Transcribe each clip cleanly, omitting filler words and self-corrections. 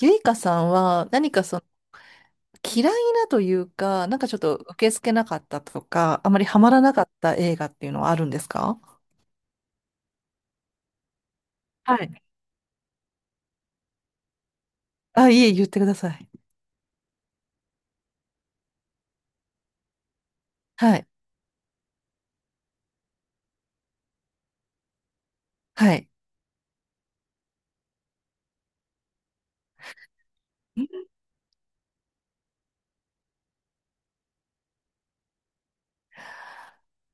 ゆいかさんは何かその嫌いなというか、なんかちょっと受け付けなかったとか、あまりハマらなかった映画っていうのはあるんですか？はい。あ、いえ、言ってください。はい。はい。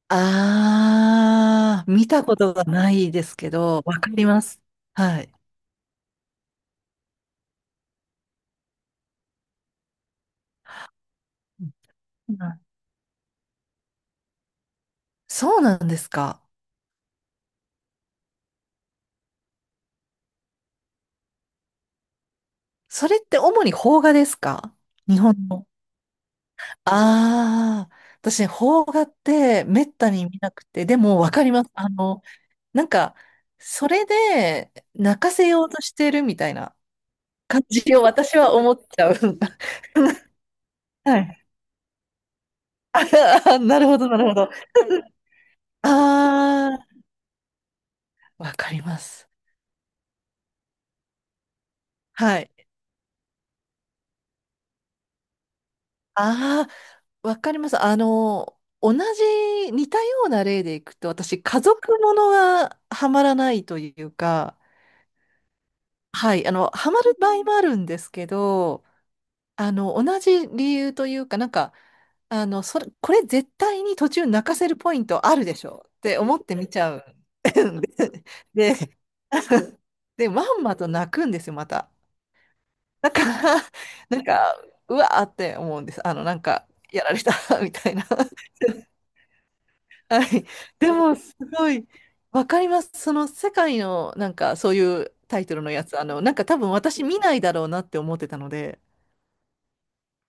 あー、見たことがないですけど、わかります。はい。うん、そうなんですか。それって主に邦画ですか？日本の。ああ、私ね、邦画ってめったに見なくて、でもわかります。あの、なんか、それで泣かせようとしてるみたいな感じを私は思っちゃう。はい。あ、なるほど、なるほど。あ あ、わかります。はい。ああ、わかります。あの、同じ、似たような例でいくと、私、家族ものがハマらないというか、はい、あの、ハマる場合もあるんですけど、あの、同じ理由というか、なんか、あの、それ、これ絶対に途中泣かせるポイントあるでしょって思って見ちゃう。で、で、でまんまと泣くんですよ、また。だから、なんか、うわーって思うんです。あの、なんか、やられた みたいな。はい。でも、すごい、わかります。その世界の、なんか、そういうタイトルのやつ、あの、なんか多分私見ないだろうなって思ってたので、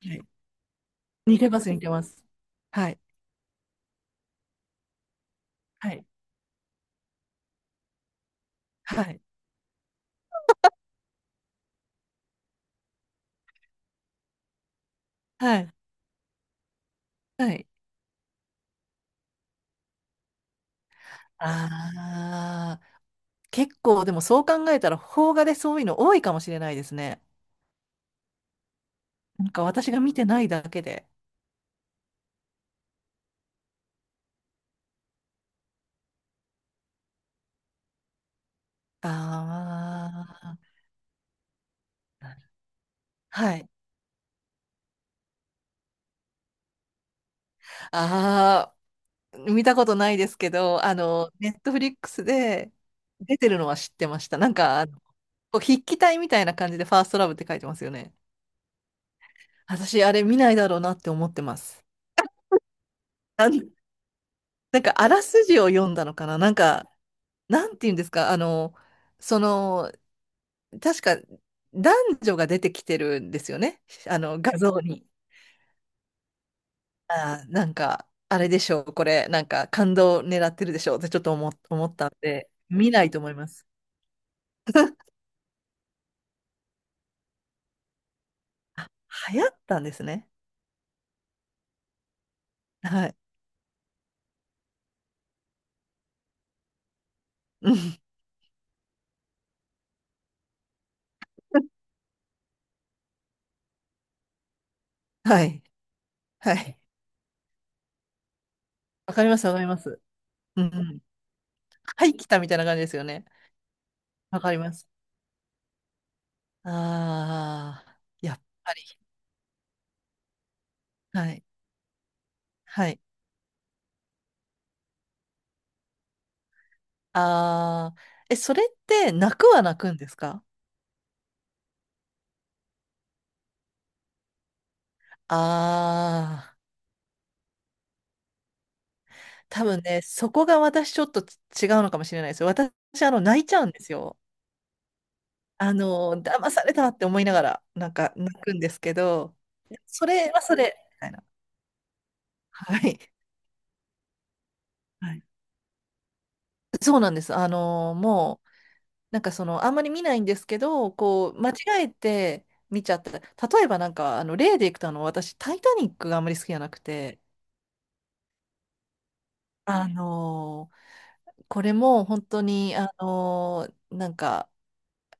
はい、似てます、似てます。はい。はい。はい。はい。はい。ああ、結構でもそう考えたら邦画でそういうの多いかもしれないですね。なんか私が見てないだけで。ああ、はい。ああ、見たことないですけど、あの、ネットフリックスで出てるのは知ってました。なんか、あの、こう筆記体みたいな感じでファーストラブって書いてますよね。私、あれ見ないだろうなって思ってます。あん、なんか、あらすじを読んだのかな、なんか、なんて言うんですか、あの、その、確か男女が出てきてるんですよね。あの画像に。あー、なんか、あれでしょう、これ、なんか感動狙ってるでしょうってちょっと思ったんで、見ないと思います。あ、流行ったんですね。はい。うん。はい。はい。わかります、わかります。うんうん。はい、来たみたいな感じですよね。わかります。ああ、やっぱり。はい。はい。ああ、え、それって泣くは泣くんですか？ああー。多分ね、そこが私ちょっと違うのかもしれないですよ。私、あの、泣いちゃうんですよ。あの、騙されたって思いながら、なんか泣くんですけど、それはそれ、みたいな。はい。はい。そうなんです。あの、もう、なんかその、あんまり見ないんですけど、こう、間違えて見ちゃった。例えばなんか、あの、例でいくと、あの、私、タイタニックがあんまり好きじゃなくて、あの、これも本当に、あの、なんか、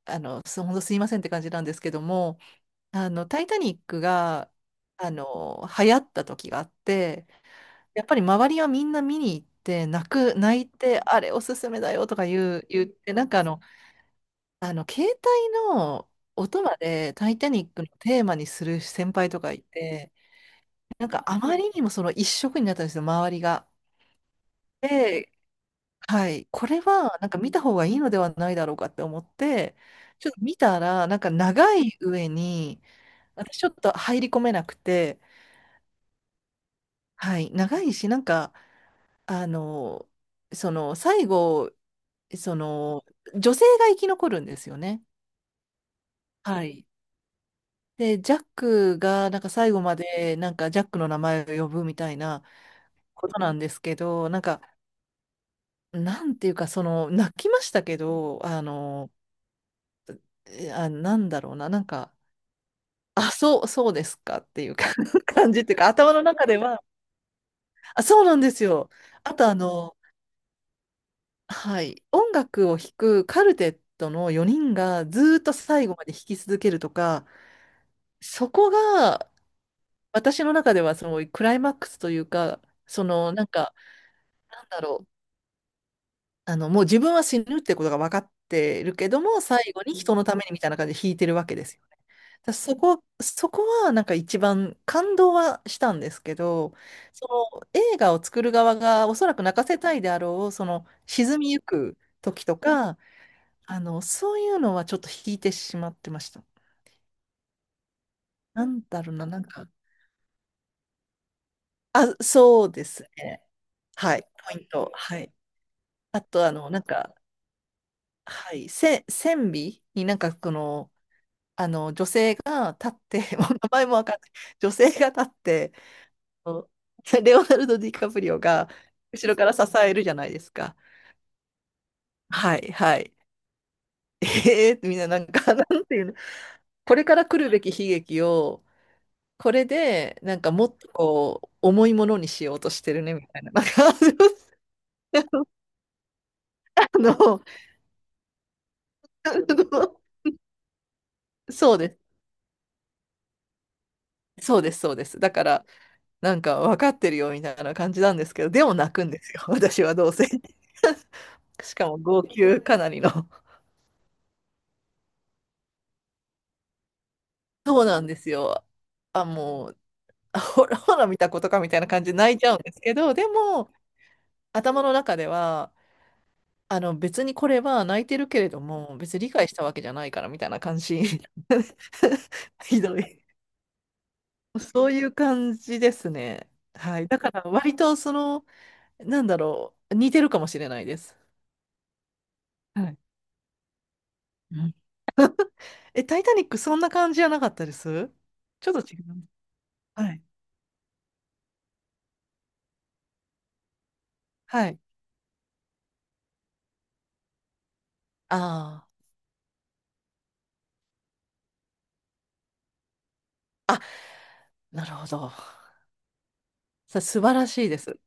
あの、ほんすいませんって感じなんですけども、あの、タイタニックが、あの、流行った時があって、やっぱり周りはみんな見に行って、泣いて、あれおすすめだよとか言って、なんかあの、あの、携帯の音までタイタニックのテーマにする先輩とかいて、なんかあまりにもその一色になったんですよ、周りが。で、はい、これはなんか見た方がいいのではないだろうかって思って、ちょっと見たら、なんか長い上に、私ちょっと入り込めなくて、はい、長いし、なんか、あの、その、最後、その、女性が生き残るんですよね。はい。で、ジャックが、なんか最後まで、なんかジャックの名前を呼ぶみたいなことなんですけど、なんか、なんていうか、その、泣きましたけど、あの、え、あ、なんだろうな、なんか、あ、そう、そうですかっていうか 感じっていうか、頭の中では、あ、そうなんですよ。あと、あの、はい、音楽を弾くカルテットの4人がずーっと最後まで弾き続けるとか、そこが私の中ではそのクライマックスというか、そのなんか、なんだろう、あのもう自分は死ぬってことが分かっているけども、最後に人のためにみたいな感じで弾いてるわけですよね。だからそこはなんか一番感動はしたんですけど、その映画を作る側がおそらく泣かせたいであろう、その沈みゆく時とか、あの、そういうのはちょっと引いてしまってました。なんだろうな、なんか、あ、そうですね。はい、ポイント。はい。あと、あの、なんか、はい、線尾になんか、この、あの、女性が立って、もう名前もわかんない。女性が立って、こうレオナルド・ディカプリオが後ろから支えるじゃないですか。はい、はい。みんななんか、なんていうの、これから来るべき悲劇を、これで、なんかもっとこう、重いものにしようとしてるね、みたいな。なんか、あの、あの、そうです。そうです、そうです。だから、なんか分かってるよ、みたいな感じなんですけど、でも泣くんですよ、私はどうせ。しかも、号泣かなりの。そうなんですよ。あ、もう、あ、ほら、ほら見たことか、みたいな感じで泣いちゃうんですけど、でも、頭の中では、あの別にこれは泣いてるけれども、別に理解したわけじゃないからみたいな感じ。ひどい。そういう感じですね。はい。だから割とその、なんだろう、似てるかもしれないです。はい。うん、え、タイタニックそんな感じじゃなかったですちょっと違う。はい。はい。ああ。あ、なるほど。素晴らしいです。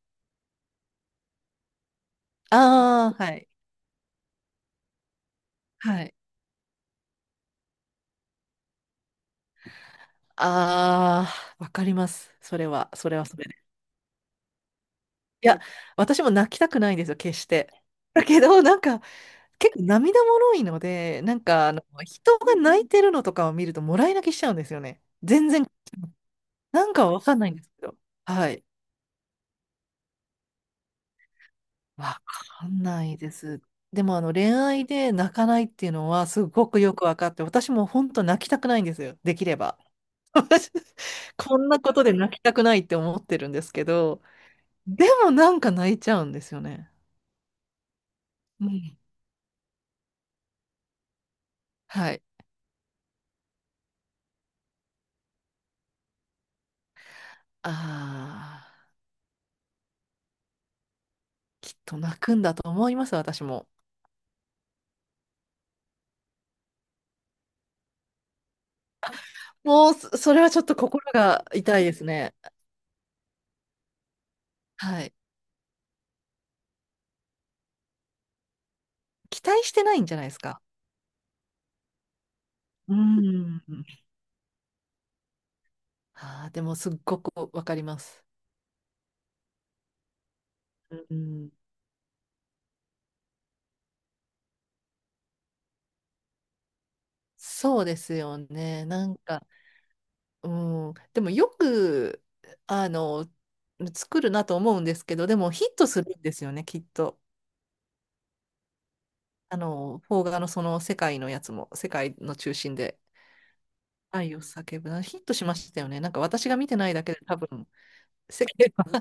ああ、はい。はい。ああ、わかります。それは、それは。いや、私も泣きたくないんですよ、決して。だけど、なんか、結構涙もろいので、なんか、あの、人が泣いてるのとかを見ると、もらい泣きしちゃうんですよね。全然、なんかわかんないんですけど。はい。わかんないです。でも、あの、恋愛で泣かないっていうのは、すごくよくわかって、私も本当泣きたくないんですよ、できれば。私こんなことで泣きたくないって思ってるんですけど、でもなんか泣いちゃうんですよね。うん。はい。ああ。きっと泣くんだと思います、私も。もう、それはちょっと心が痛いですね。はい。期待してないんじゃないですか。うん。あーでもすっごくわかります。うん。そうですよね。なんか、うん。でもよく、あの、作るなと思うんですけど、でもヒットするんですよね、きっと。あの、邦画のその世界のやつも、世界の中心で愛を叫ぶな。ヒットしましたよね。なんか私が見てないだけで多分、世界は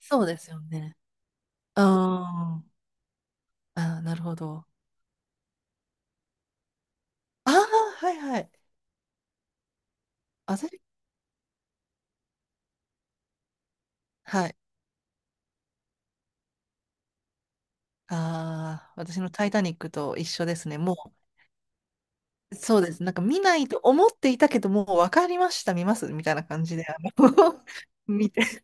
そうですよね。あーあー、なるほど。ああ、はいはい。あ、それ、はい。ああ、私のタイタニックと一緒ですね。もう、そうです。なんか見ないと思っていたけど、もう分かりました、見ます、みたいな感じで、あの 見て。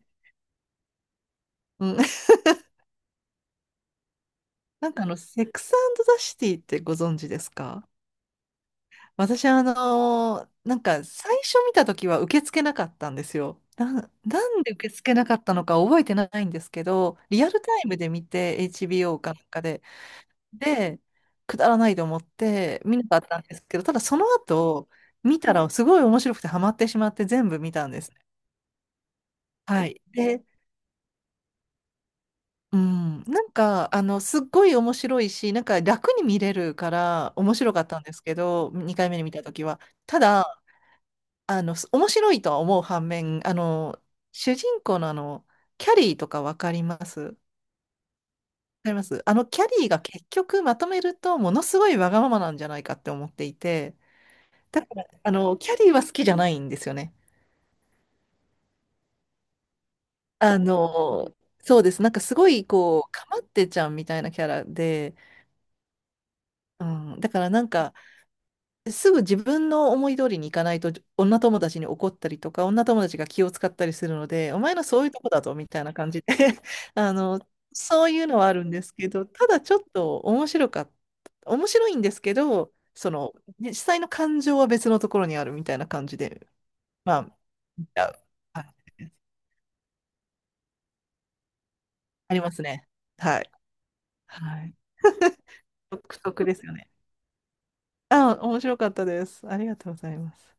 うん、なんかあの、セックスザシティってご存知ですか？私、あのーなんか最初見た時は受け付けなかったんですよ。なんで受け付けなかったのか覚えてないんですけど、リアルタイムで見て HBO かなんかで、で、くだらないと思って見なかったんですけど、ただその後、見たらすごい面白くてハマってしまって全部見たんですね。はい。で、うん、なんか、あの、すっごい面白いし、なんか楽に見れるから面白かったんですけど、2回目に見た時は。ただ、あの、面白いとは思う反面、あの、主人公のあの、キャリーとかわかります、わかります、あの、キャリーが結局まとめると、ものすごいわがままなんじゃないかって思っていて、だから、あの、キャリーは好きじゃないんですよね。あの、そうです。なんかすごい、こう、かまってちゃんみたいなキャラで、うん、だからなんか、すぐ自分の思い通りにいかないと女友達に怒ったりとか女友達が気を使ったりするのでお前のそういうとこだぞみたいな感じで あの、そういうのはあるんですけど、ただちょっと面白かった、面白いんですけど、そのね、実際の感情は別のところにあるみたいな感じで、まあ見ちゃう感じです、ありますね、はい、はい、独特ですよね、あ、面白かったです、ありがとうございます。